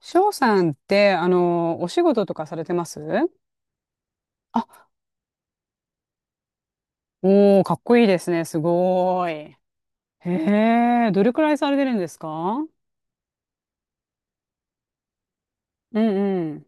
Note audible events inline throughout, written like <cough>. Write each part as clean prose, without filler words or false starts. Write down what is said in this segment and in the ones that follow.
翔さんって、お仕事とかされてます？あ、おー、かっこいいですね。すごーい。へえ、どれくらいされてるんですか？うんうん。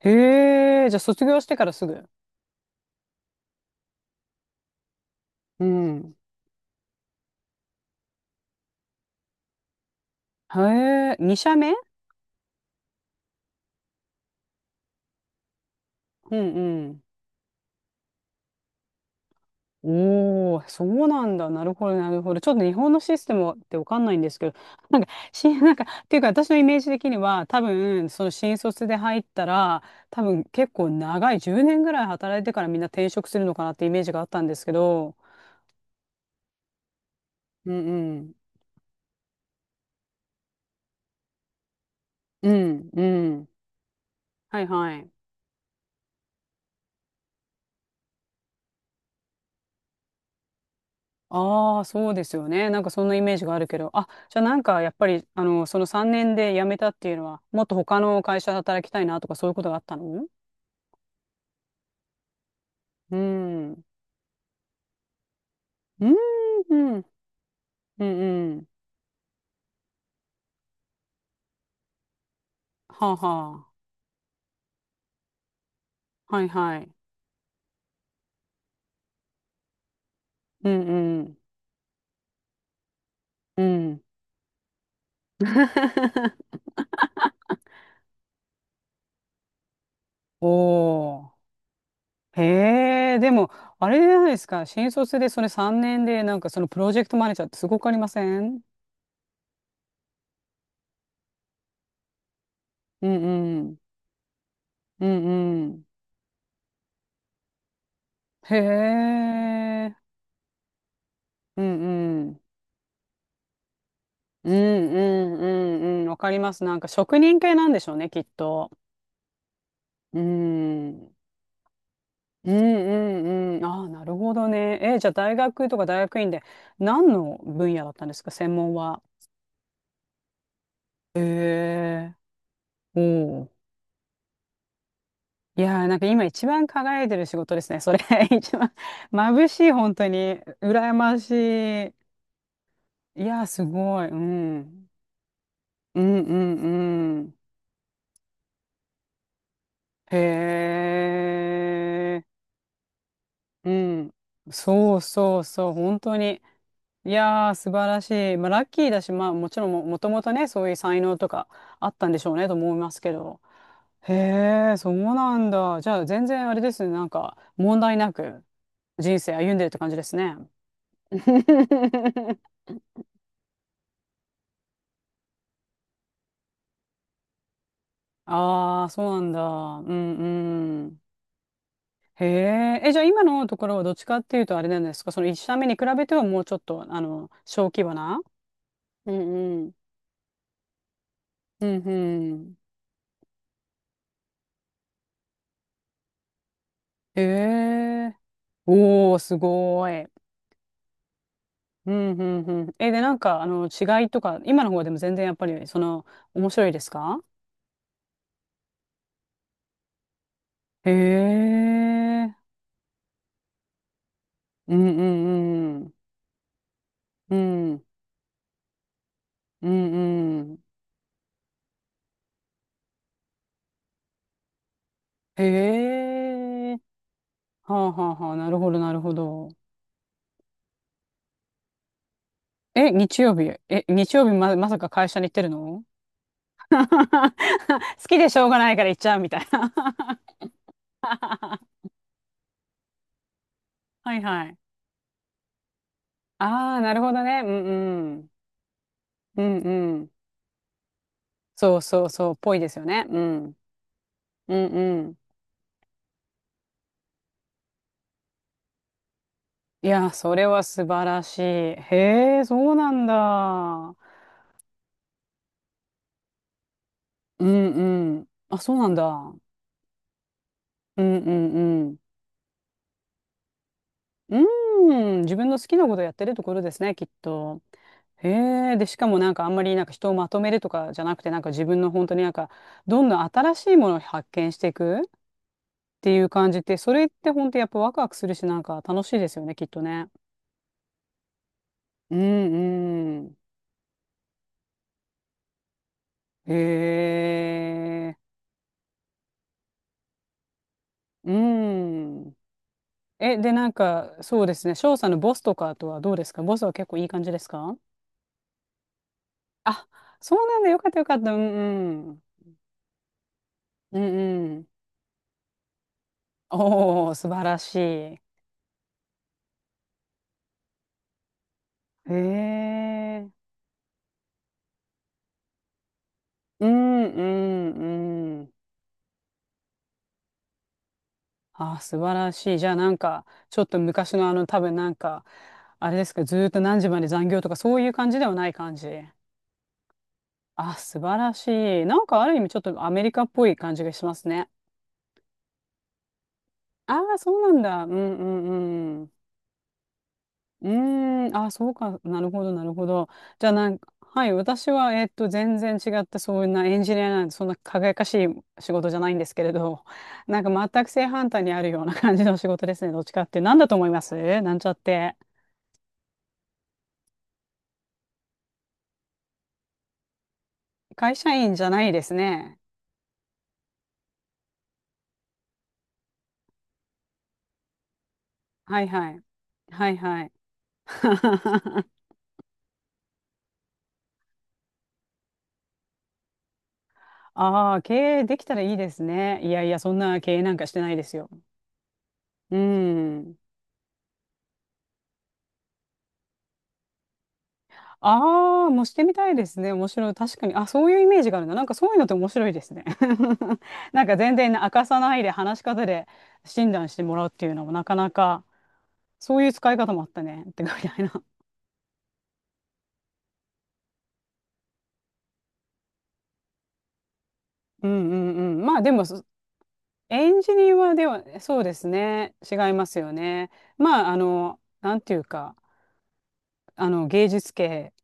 へえ、じゃあ卒業してからすぐ。うん。へえ、2社目？うんうん。おお、そうなんだ。なるほど、なるほど。ちょっと日本のシステムってわかんないんですけど、<laughs> なんか、<laughs> なんか、っていうか私のイメージ的には、多分、その新卒で入ったら、多分結構長い10年ぐらい働いてからみんな転職するのかなってイメージがあったんですけど、うんうん。うんうん。はいはい。ああ、そうですよね。なんかそんなイメージがあるけど、あ、じゃあなんかやっぱり、その3年で辞めたっていうのは、もっと他の会社で働きたいなとかそういうことがあったの？うん。うん。うんうん。はあはあ。はいはい。うんうん。うん。おー。へえ、でも、あれじゃないですか。新卒でそれ3年で、なんかそのプロジェクトマネージャーってすごくありません？うんうん。うんうん。へえ。うんうん。うんうんうんうん。わかります。なんか職人系なんでしょうね、きっと。うん。うんうんうん。ああ、なるほどね。えじゃあ大学とか大学院で何の分野だったんですか、専門は。へえおお。いやー、なんか今一番輝いてる仕事ですね。それ <laughs> 一番眩しい、本当に。羨ましい。いやー、すごい。うん。うんうんうん。へえ。うん。そうそうそう、本当に。いやー、素晴らしい。まあ、ラッキーだし、まあ、もちろんも、もともとね、そういう才能とかあったんでしょうね、と思いますけど。へえ、そうなんだ。じゃあ、全然あれですね、なんか、問題なく人生歩んでるって感じですね。<laughs> ああ、そうなんだ。うんうん。へえ、え、じゃあ今のところはどっちかっていうとあれなんですか、その一社目に比べてはもうちょっと、小規模な？うんうん。うんうん。ええおー、すごーい。うん、うん、うん。え、で、なんか、違いとか、今の方でも全然やっぱり、その、面白いですか？へえ、うん、うん、うん。うん、うん、うん。へえ、はあ、はあ、はあ、なるほど、なるほど。え、日曜日、まさか会社に行ってるの？ <laughs> 好きでしょうがないから行っちゃうみたいな？ <laughs> はいはい。ああ、なるほどね。うんうん。うんうん。そうそうそう、ぽいですよね。うん。うんうん。いや、それは素晴らしい。へえ、そうなんだ。うんうん。あ、そうなんだ。うんうんうん。うん、自分の好きなことやってるところですね、きっと。へえ、で、しかもなんかあんまりなんか人をまとめるとかじゃなくて、なんか自分の本当になんか、どんどん新しいものを発見していくっていう感じって、それって本当やっぱワクワクするし、なんか楽しいですよね、きっとね。うんうん。へえ。うん。え、で、なんか、そうですね。翔さんのボスとかとはどうですか？ボスは結構いい感じですか？あ、そうなんだ。よかったよかった。うんうん。うんうん。おー、素晴らしい。へえ。うんうんうん。あ、素晴らしい。じゃあなんか、ちょっと昔の多分なんか、あれですか、ずーっと何時まで残業とかそういう感じではない感じ。あ、素晴らしい。なんかある意味ちょっとアメリカっぽい感じがしますね。ああ、そうなんだ。うんうんうん。うーん、あ、そうか、なるほど、なるほど。じゃあ、なんか、はい、私は、全然違って、そんなエンジニアなんて、そんな輝かしい仕事じゃないんですけれど、<laughs> なんか全く正反対にあるような感じの仕事ですね、どっちかって。なんだと思います？なんちゃって。会社員じゃないですね。はいはい。はいはい。<laughs> ああ、経営できたらいいですね。いやいや、そんな経営なんかしてないですよ。うん。ああ、もうしてみたいですね。面白い。確かに。あ、そういうイメージがあるな。なんかそういうのって面白いですね。<laughs> なんか全然明かさないで話し方で診断してもらうっていうのもなかなか、そういう使い方もあったね。ってみたいな。<laughs> うんうんうん。まあでも、エンジニアでは、そうですね。違いますよね。まあ、なんていうか、芸術系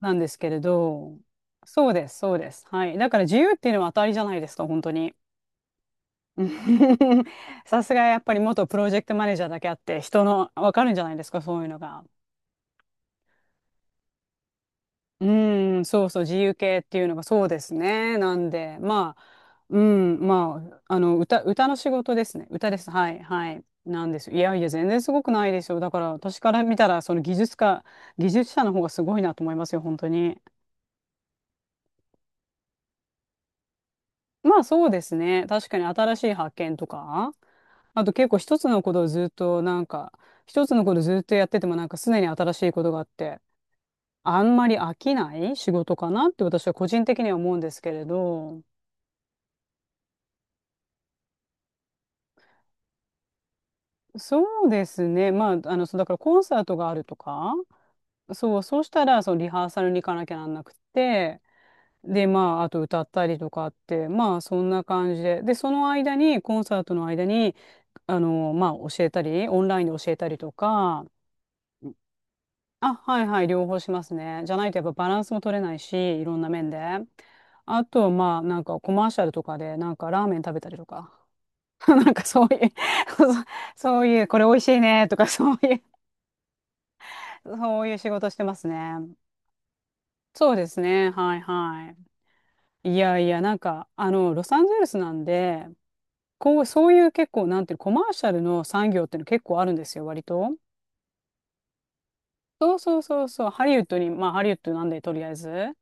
なんですけれど、そうです、そうです。はい。だから自由っていうのは当たりじゃないですか、本当に。うん <laughs> さすがやっぱり元プロジェクトマネージャーだけあって人のわかるんじゃないですか？そういうのが。うんそうそう自由形っていうのがそうですね。なんでまあうんまああの歌の仕事ですね。歌ですはいはいなんですよ。いやいや全然すごくないですよ。だから私から見たらその技術者の方がすごいなと思いますよ本当に。まあそうですね。確かに新しい発見とか。あと結構一つのことをずっとやっててもなんか常に新しいことがあって、あんまり飽きない仕事かなって私は個人的には思うんですけれど、そうですね。まあ、そうだからコンサートがあるとか、そう、そうしたらそのリハーサルに行かなきゃなんなくて、で、まあ、あと歌ったりとかって、まあ、そんな感じで。で、その間に、コンサートの間に、まあ、教えたり、オンラインで教えたりとか、あ、はいはい、両方しますね。じゃないとやっぱバランスも取れないし、いろんな面で。あと、まあ、なんかコマーシャルとかで、なんかラーメン食べたりとか、<laughs> なんかそういう <laughs> そうそういう、これ美味しいねとか、<laughs> そういう、そういう仕事してますね。そうですね、はいはい。いやいや、なんか、ロサンゼルスなんで、こう、そういう結構、なんていうのコマーシャルの産業っていうの結構あるんですよ、割と。そうそうそうそう、ハリウッドに、まあ、ハリウッドなんで、とりあえず。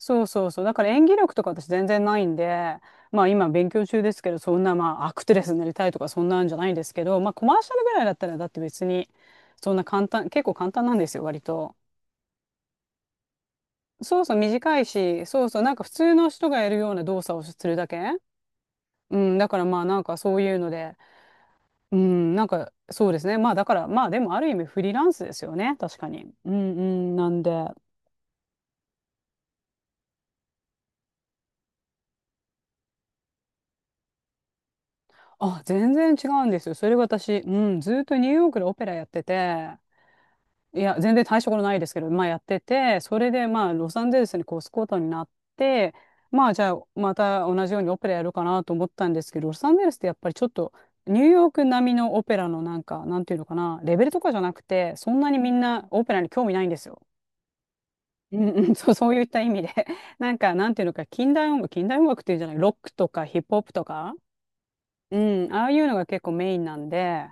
そうそうそう。だから演技力とか私全然ないんで、まあ今勉強中ですけど、そんなまあアクテレスになりたいとかそんなんじゃないんですけど、まあコマーシャルぐらいだったらだって別にそんな簡単、結構簡単なんですよ、割と。そうそう、短いし、そうそう、なんか普通の人がやるような動作をするだけ。うん、だからまあなんかそういうので、うん、なんかそうですね。まあだからまあでもある意味フリーランスですよね、確かに。うんうん、なんで。あ、全然違うんですよ。それが私、うん、ずっとニューヨークでオペラやってて、いや、全然大したことないですけど、まあやってて、それでまあロサンゼルスに越すことになって、まあじゃあまた同じようにオペラやるかなと思ったんですけど、ロサンゼルスってやっぱりちょっとニューヨーク並みのオペラのなんか、なんていうのかな、レベルとかじゃなくて、そんなにみんなオペラに興味ないんですよ。うんうん、そう、そういった意味で。<laughs> なんか、なんていうのか、近代音楽、近代音楽っていうんじゃない、ロックとかヒップホップとか、うん、ああいうのが結構メインなんで、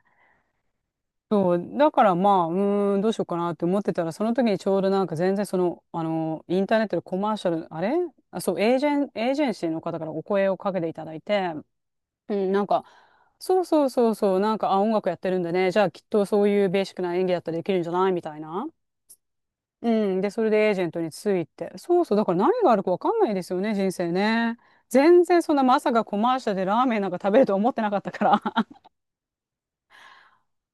そう、だからまあ、うーん、どうしようかなって思ってたら、その時にちょうどなんか全然その、あの、インターネットでコマーシャル、あれあ、そう、エージェンシーの方からお声をかけていただいて、うん、なんか、そうそうそうそう、なんか、あ、音楽やってるんでね、じゃあきっとそういうベーシックな演技だったらできるんじゃないみたいな。うん、で、それでエージェントについて。そうそう、だから何があるかわかんないですよね、人生ね。全然そんなまさかコマーシャルでラーメンなんか食べると思ってなかったから。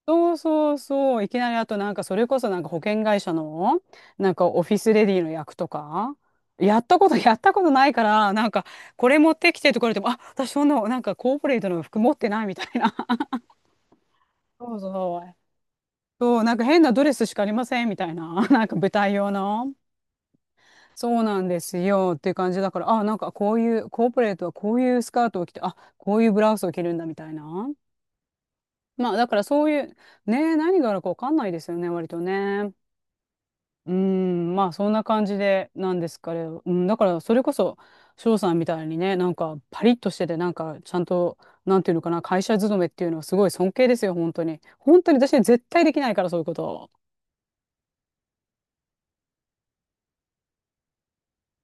そうそうそう。いきなりあとなんかそれこそなんか保険会社のなんかオフィスレディの役とか、やったことないから、なんかこれ持ってきてとか言われても、あ、私そんな、なんかコーポレートの服持ってないみたいな。<laughs> そうそう。そう、なんか変なドレスしかありませんみたいな。<laughs> なんか舞台用の。そうなんですよっていう感じだから、あ、なんかこういう、コーポレートはこういうスカートを着て、あ、こういうブラウスを着るんだみたいな。まあだからそういう、ね、何があるかわかんないですよね、割とね。うーん、まあそんな感じでなんですかね。うん、だからそれこそ翔さんみたいにね、なんかパリッとしてて、なんかちゃんと、なんていうのかな、会社勤めっていうのはすごい尊敬ですよ、本当に。本当に私は絶対できないから、そういうこと。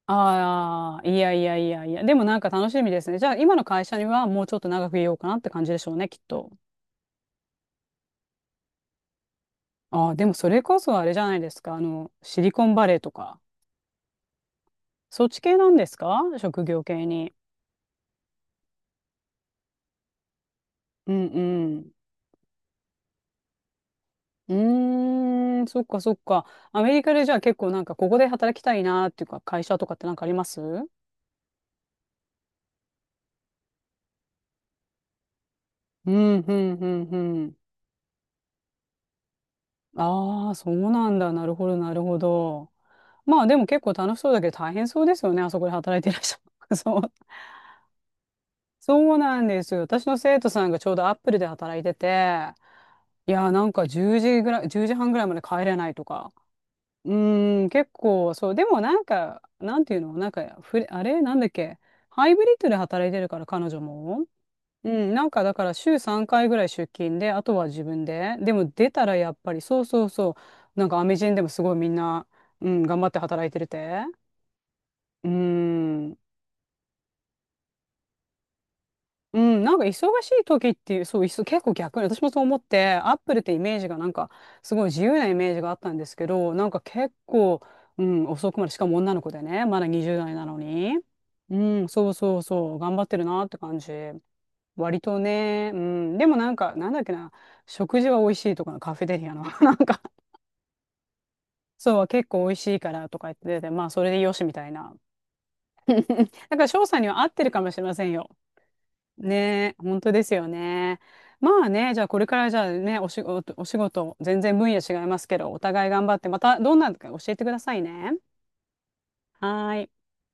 ああ、いやいやいやいや、でもなんか楽しみですね。じゃあ今の会社にはもうちょっと長くいようかなって感じでしょうね、きっと。ああ、でもそれこそあれじゃないですか、あの、シリコンバレーとか、そっち系なんですか職業系に。うんうん。うーん、そっかそっか。アメリカでじゃあ結構なんかここで働きたいなーっていうか会社とかってなんかありますうんうんうんうん。ああ、そうなんだ。なるほどなるほど。まあでも結構楽しそうだけど大変そうですよね。あそこで働いていらっしゃる。<laughs> そう。そうなんですよ。私の生徒さんがちょうどアップルで働いてて、いやーなんか10時ぐらい、10時半ぐらいまで帰れないとか。うーん、結構、そう、でもなんか、なんていうの、なんか、あれ、なんだっけ、ハイブリッドで働いてるから、彼女も。うん、なんかだから週3回ぐらい出勤で、あとは自分で。でも出たらやっぱり、そうそうそう、なんかアメ人でもすごいみんな、うん、頑張って働いてるって。うーん。うん、なんか忙しい時っていう、そう、結構逆に、私もそう思って、アップルってイメージがなんか、すごい自由なイメージがあったんですけど、なんか結構、うん、遅くまで、しかも女の子でね、まだ20代なのに、うん、そうそうそう、頑張ってるなって感じ。割とね、うん、でもなんか、なんだっけな、食事は美味しいとかのカフェテリアの、<laughs> なんか、そう、結構美味しいからとか言ってて、まあ、それでよしみたいな。だから、翔さんには合ってるかもしれませんよ。ねえ、本当ですよね。まあね、じゃあこれからじゃあね、お仕事、お仕事、全然分野違いますけど、お互い頑張って、またどんなのか教えてくださいね。はーい。